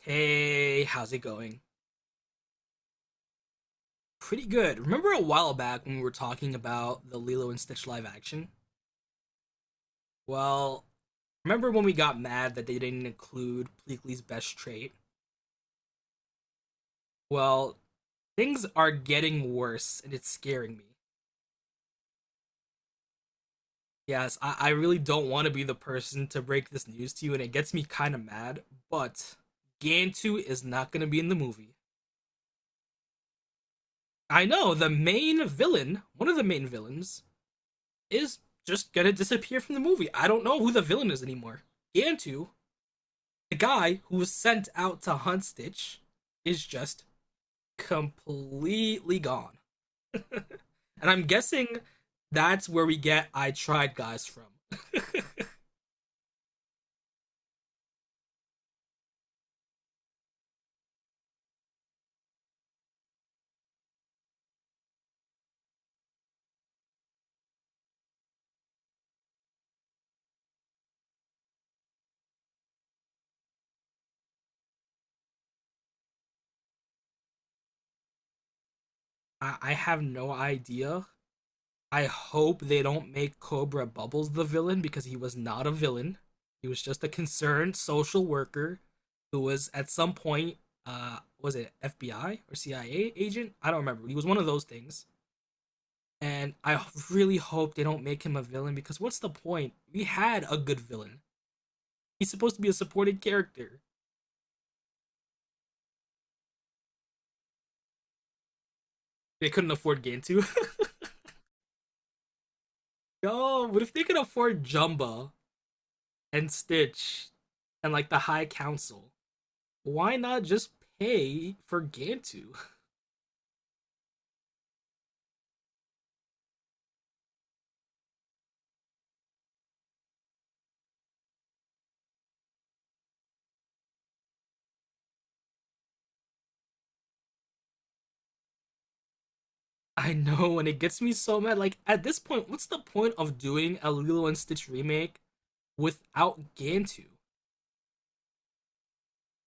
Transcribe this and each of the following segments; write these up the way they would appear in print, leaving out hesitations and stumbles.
Hey, how's it going? Pretty good. Remember a while back when we were talking about the Lilo and Stitch live action? Well, remember when we got mad that they didn't include Pleakley's best trait? Well, things are getting worse and it's scaring me. Yes, I really don't want to be the person to break this news to you and it gets me kind of mad, but Gantu is not going to be in the movie. I know, the main villain, one of the main villains, is just gonna disappear from the movie. I don't know who the villain is anymore. Gantu, the guy who was sent out to hunt Stitch, is just completely gone. And I'm guessing that's where we get I tried guys from. I have no idea. I hope they don't make Cobra Bubbles the villain because he was not a villain. He was just a concerned social worker who was at some point, was it FBI or CIA agent? I don't remember. He was one of those things. And I really hope they don't make him a villain because what's the point? We had a good villain. He's supposed to be a supported character. They couldn't afford Gantu. Yo, but if they could afford Jumba and Stitch and like the High Council, why not just pay for Gantu? I know, and it gets me so mad. Like at this point, what's the point of doing a Lilo and Stitch remake without Gantu?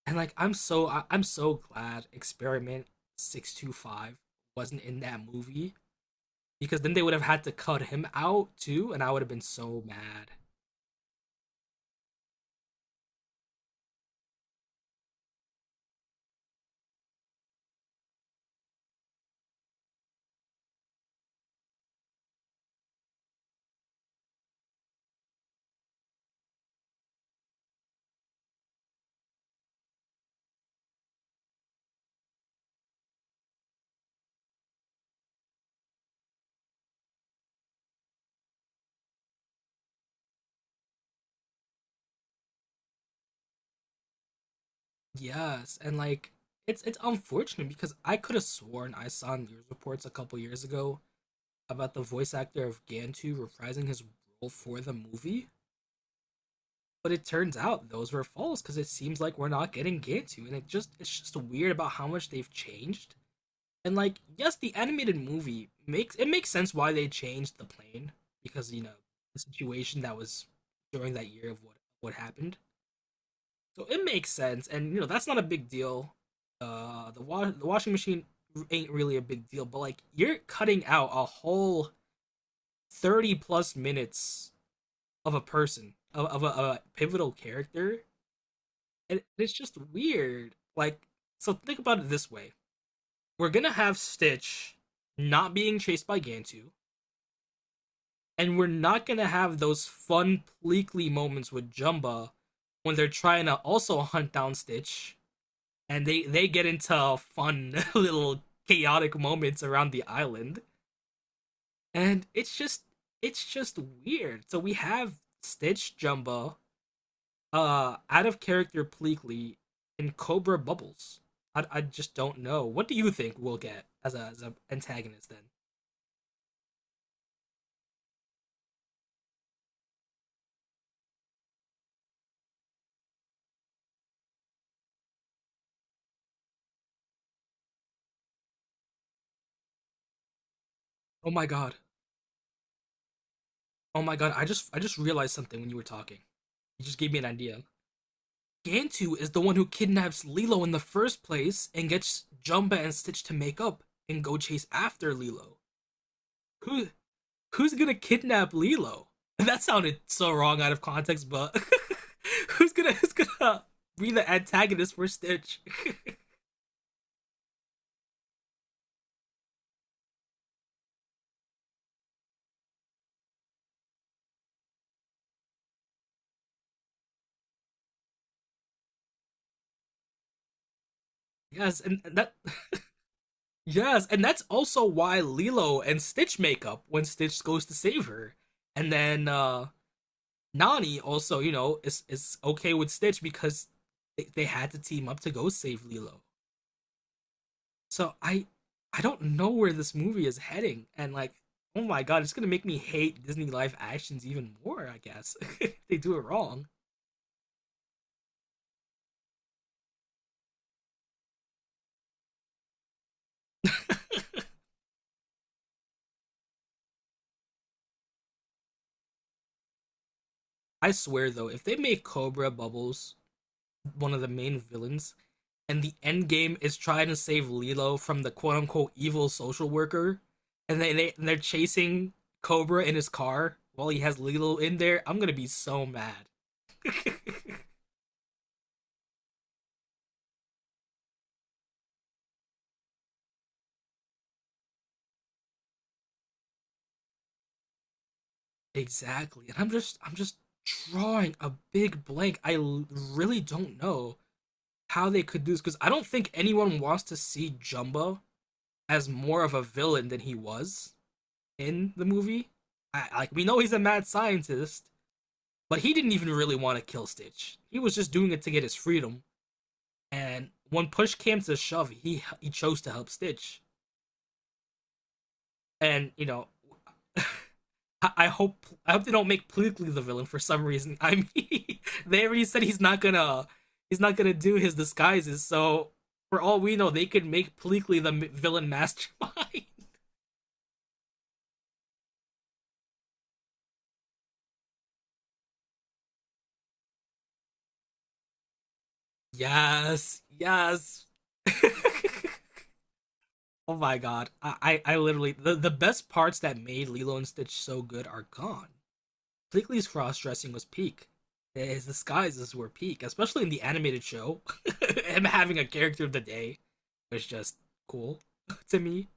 And like I'm so glad Experiment 625 wasn't in that movie because then they would have had to cut him out too, and I would have been so mad. Yes, and like it's unfortunate because I could have sworn I saw news reports a couple years ago about the voice actor of Gantu reprising his role for the movie, but it turns out those were false because it seems like we're not getting Gantu, and it's just weird about how much they've changed. And like, yes, the animated movie makes sense why they changed the plane because you know the situation that was during that year of what happened. So it makes sense, and you know that's not a big deal. The the washing machine ain't really a big deal, but like you're cutting out a whole 30 plus minutes of a person of of a pivotal character, and it's just weird. Like, so think about it this way: we're gonna have Stitch not being chased by Gantu. And we're not gonna have those fun pleekly moments with Jumba when they're trying to also hunt down Stitch, and they get into fun little chaotic moments around the island, and it's just weird. So we have Stitch, Jumba, out of character pleekly, and Cobra Bubbles. I just don't know. What do you think we'll get as a as an antagonist then? Oh my god. Oh my god. I just realized something when you were talking. You just gave me an idea. Gantu is the one who kidnaps Lilo in the first place and gets Jumba and Stitch to make up and go chase after Lilo. Who who's gonna kidnap Lilo? That sounded so wrong out of context, but who's gonna be the antagonist for Stitch? Yes, and that yes, and that's also why Lilo and Stitch make up when Stitch goes to save her. And then Nani also, you know, is okay with Stitch because they had to team up to go save Lilo. So I don't know where this movie is heading and like oh my god, it's gonna make me hate Disney live actions even more, I guess. If they do it wrong. I swear though, if they make Cobra Bubbles one of the main villains and the end game is trying to save Lilo from the quote unquote evil social worker and they're chasing Cobra in his car while he has Lilo in there, I'm gonna be so mad. Exactly. And I'm just drawing a big blank. I l- really don't know how they could do this because I don't think anyone wants to see Jumbo as more of a villain than he was in the movie. I, like we know he's a mad scientist, but he didn't even really want to kill Stitch. He was just doing it to get his freedom. And when push came to shove, he chose to help Stitch. And you know, I hope they don't make politically the villain for some reason. I mean, they already said he's not gonna do his disguises. So for all we know, they could make politically the villain mastermind. Yes, Oh my god, I literally the best parts that made Lilo and Stitch so good are gone. Bleakley's cross dressing was peak. His disguises were peak, especially in the animated show. Him having a character of the day was just cool to me.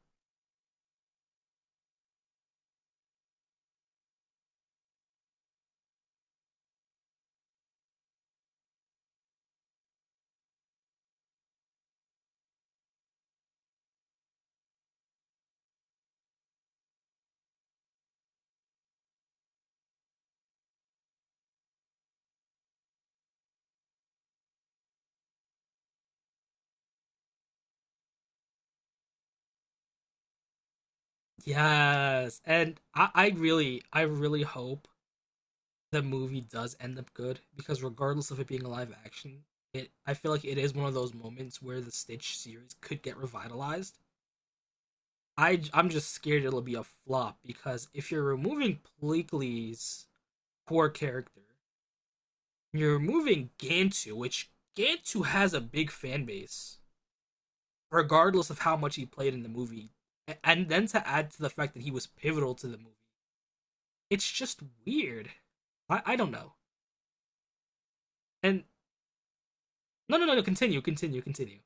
Yes, and I really hope the movie does end up good because regardless of it being a live action, it I feel like it is one of those moments where the Stitch series could get revitalized. I'm just scared it'll be a flop because if you're removing Bleakley's core character. You're moving Gantu, which Gantu has a big fan base, regardless of how much he played in the movie. And then to add to the fact that he was pivotal to the movie, it's just weird. I don't know. And no, no, no, no. Continue, continue.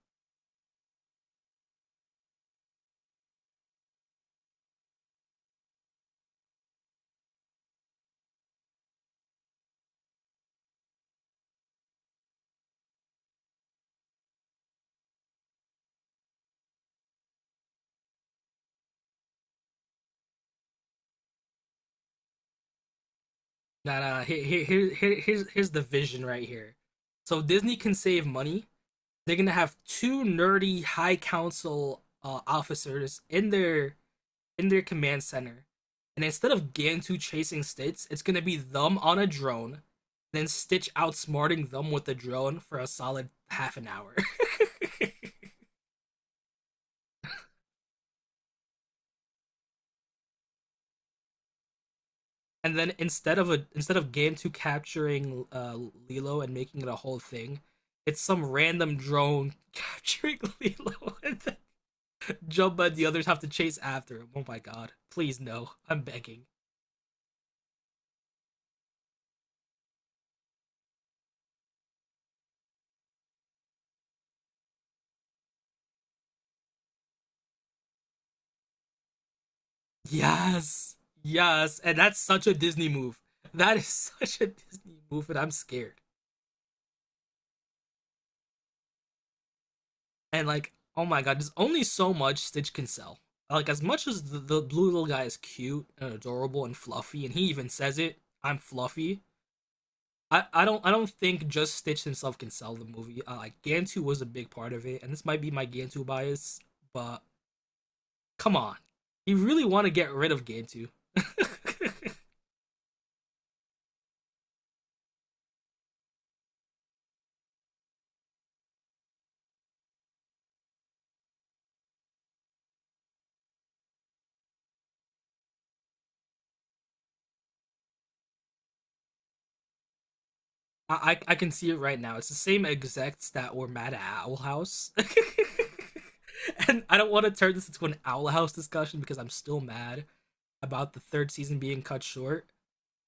Nah, nah. Here, here's the vision right here. So Disney can save money. They're gonna have two nerdy high council officers in their command center. And instead of Gantu chasing Stitch, it's gonna be them on a drone, then Stitch outsmarting them with the drone for a solid half an hour. And then instead of Gantu capturing Lilo and making it a whole thing, it's some random drone capturing Lilo and then Jumba and the others have to chase after him. Oh my god. Please no. I'm begging. Yes. Yes. And that's such a Disney move. That is such a Disney move, and I'm scared. And like, oh my god, there's only so much Stitch can sell. Like, as much as the blue little guy is cute and adorable and fluffy, and he even says it, I'm fluffy. I don't think just Stitch himself can sell the movie. Like Gantu was a big part of it, and this might be my Gantu bias, but come on, you really want to get rid of Gantu? I can see it right now. It's the same execs that were mad at Owl House. And I don't want to turn this into an Owl House discussion because I'm still mad about the third season being cut short.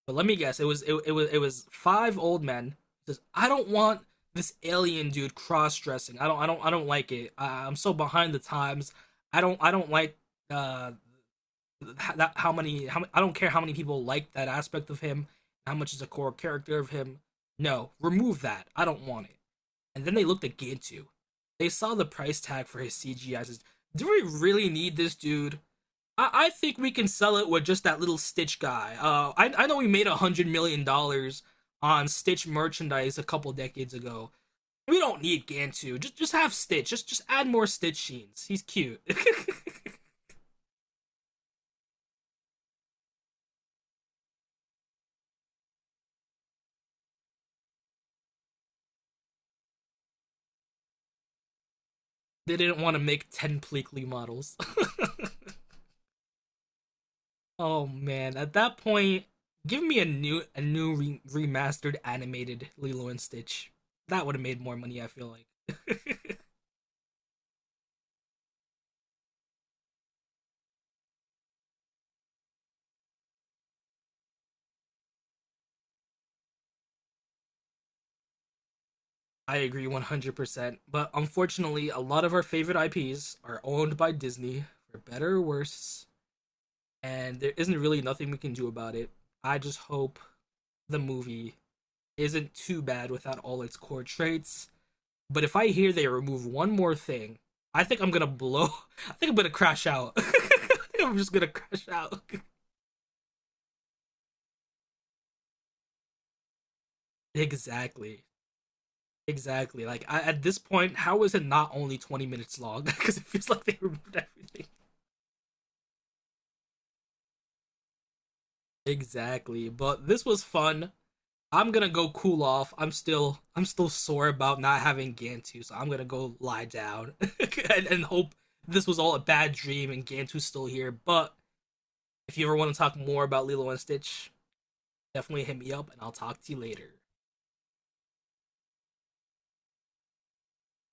But let me guess, it was five old men who says I don't want this alien dude cross dressing. I don't like it. I'm so behind the times. I don't like uh that how many how I don't care how many people like that aspect of him, how much is a core character of him. No, remove that. I don't want it. And then they looked at Gintu. They saw the price tag for his CGI. Says, do we really need this dude? I think we can sell it with just that little Stitch guy. I know we made $100 million on Stitch merchandise a couple decades ago. We don't need Gantu. Just have Stitch. Just add more Stitch scenes. He's cute. They didn't want to make ten Pleakley models. Oh man, at that point, give me a new re- remastered animated Lilo and Stitch. That would have made more money, I feel like. I agree 100%, but unfortunately, a lot of our favorite IPs are owned by Disney for better or worse, and there isn't really nothing we can do about it. I just hope the movie isn't too bad without all its core traits. But if I hear they remove one more thing, I think I'm gonna blow. I think I'm gonna crash out. I'm just gonna crash out. Exactly. Exactly. Like I, at this point, how is it not only 20 minutes long? Because it feels like they removed everything. Exactly. But this was fun. I'm gonna go cool off. I'm still sore about not having Gantu, so I'm gonna go lie down and hope this was all a bad dream and Gantu's still here. But if you ever want to talk more about Lilo and Stitch, definitely hit me up and I'll talk to you later.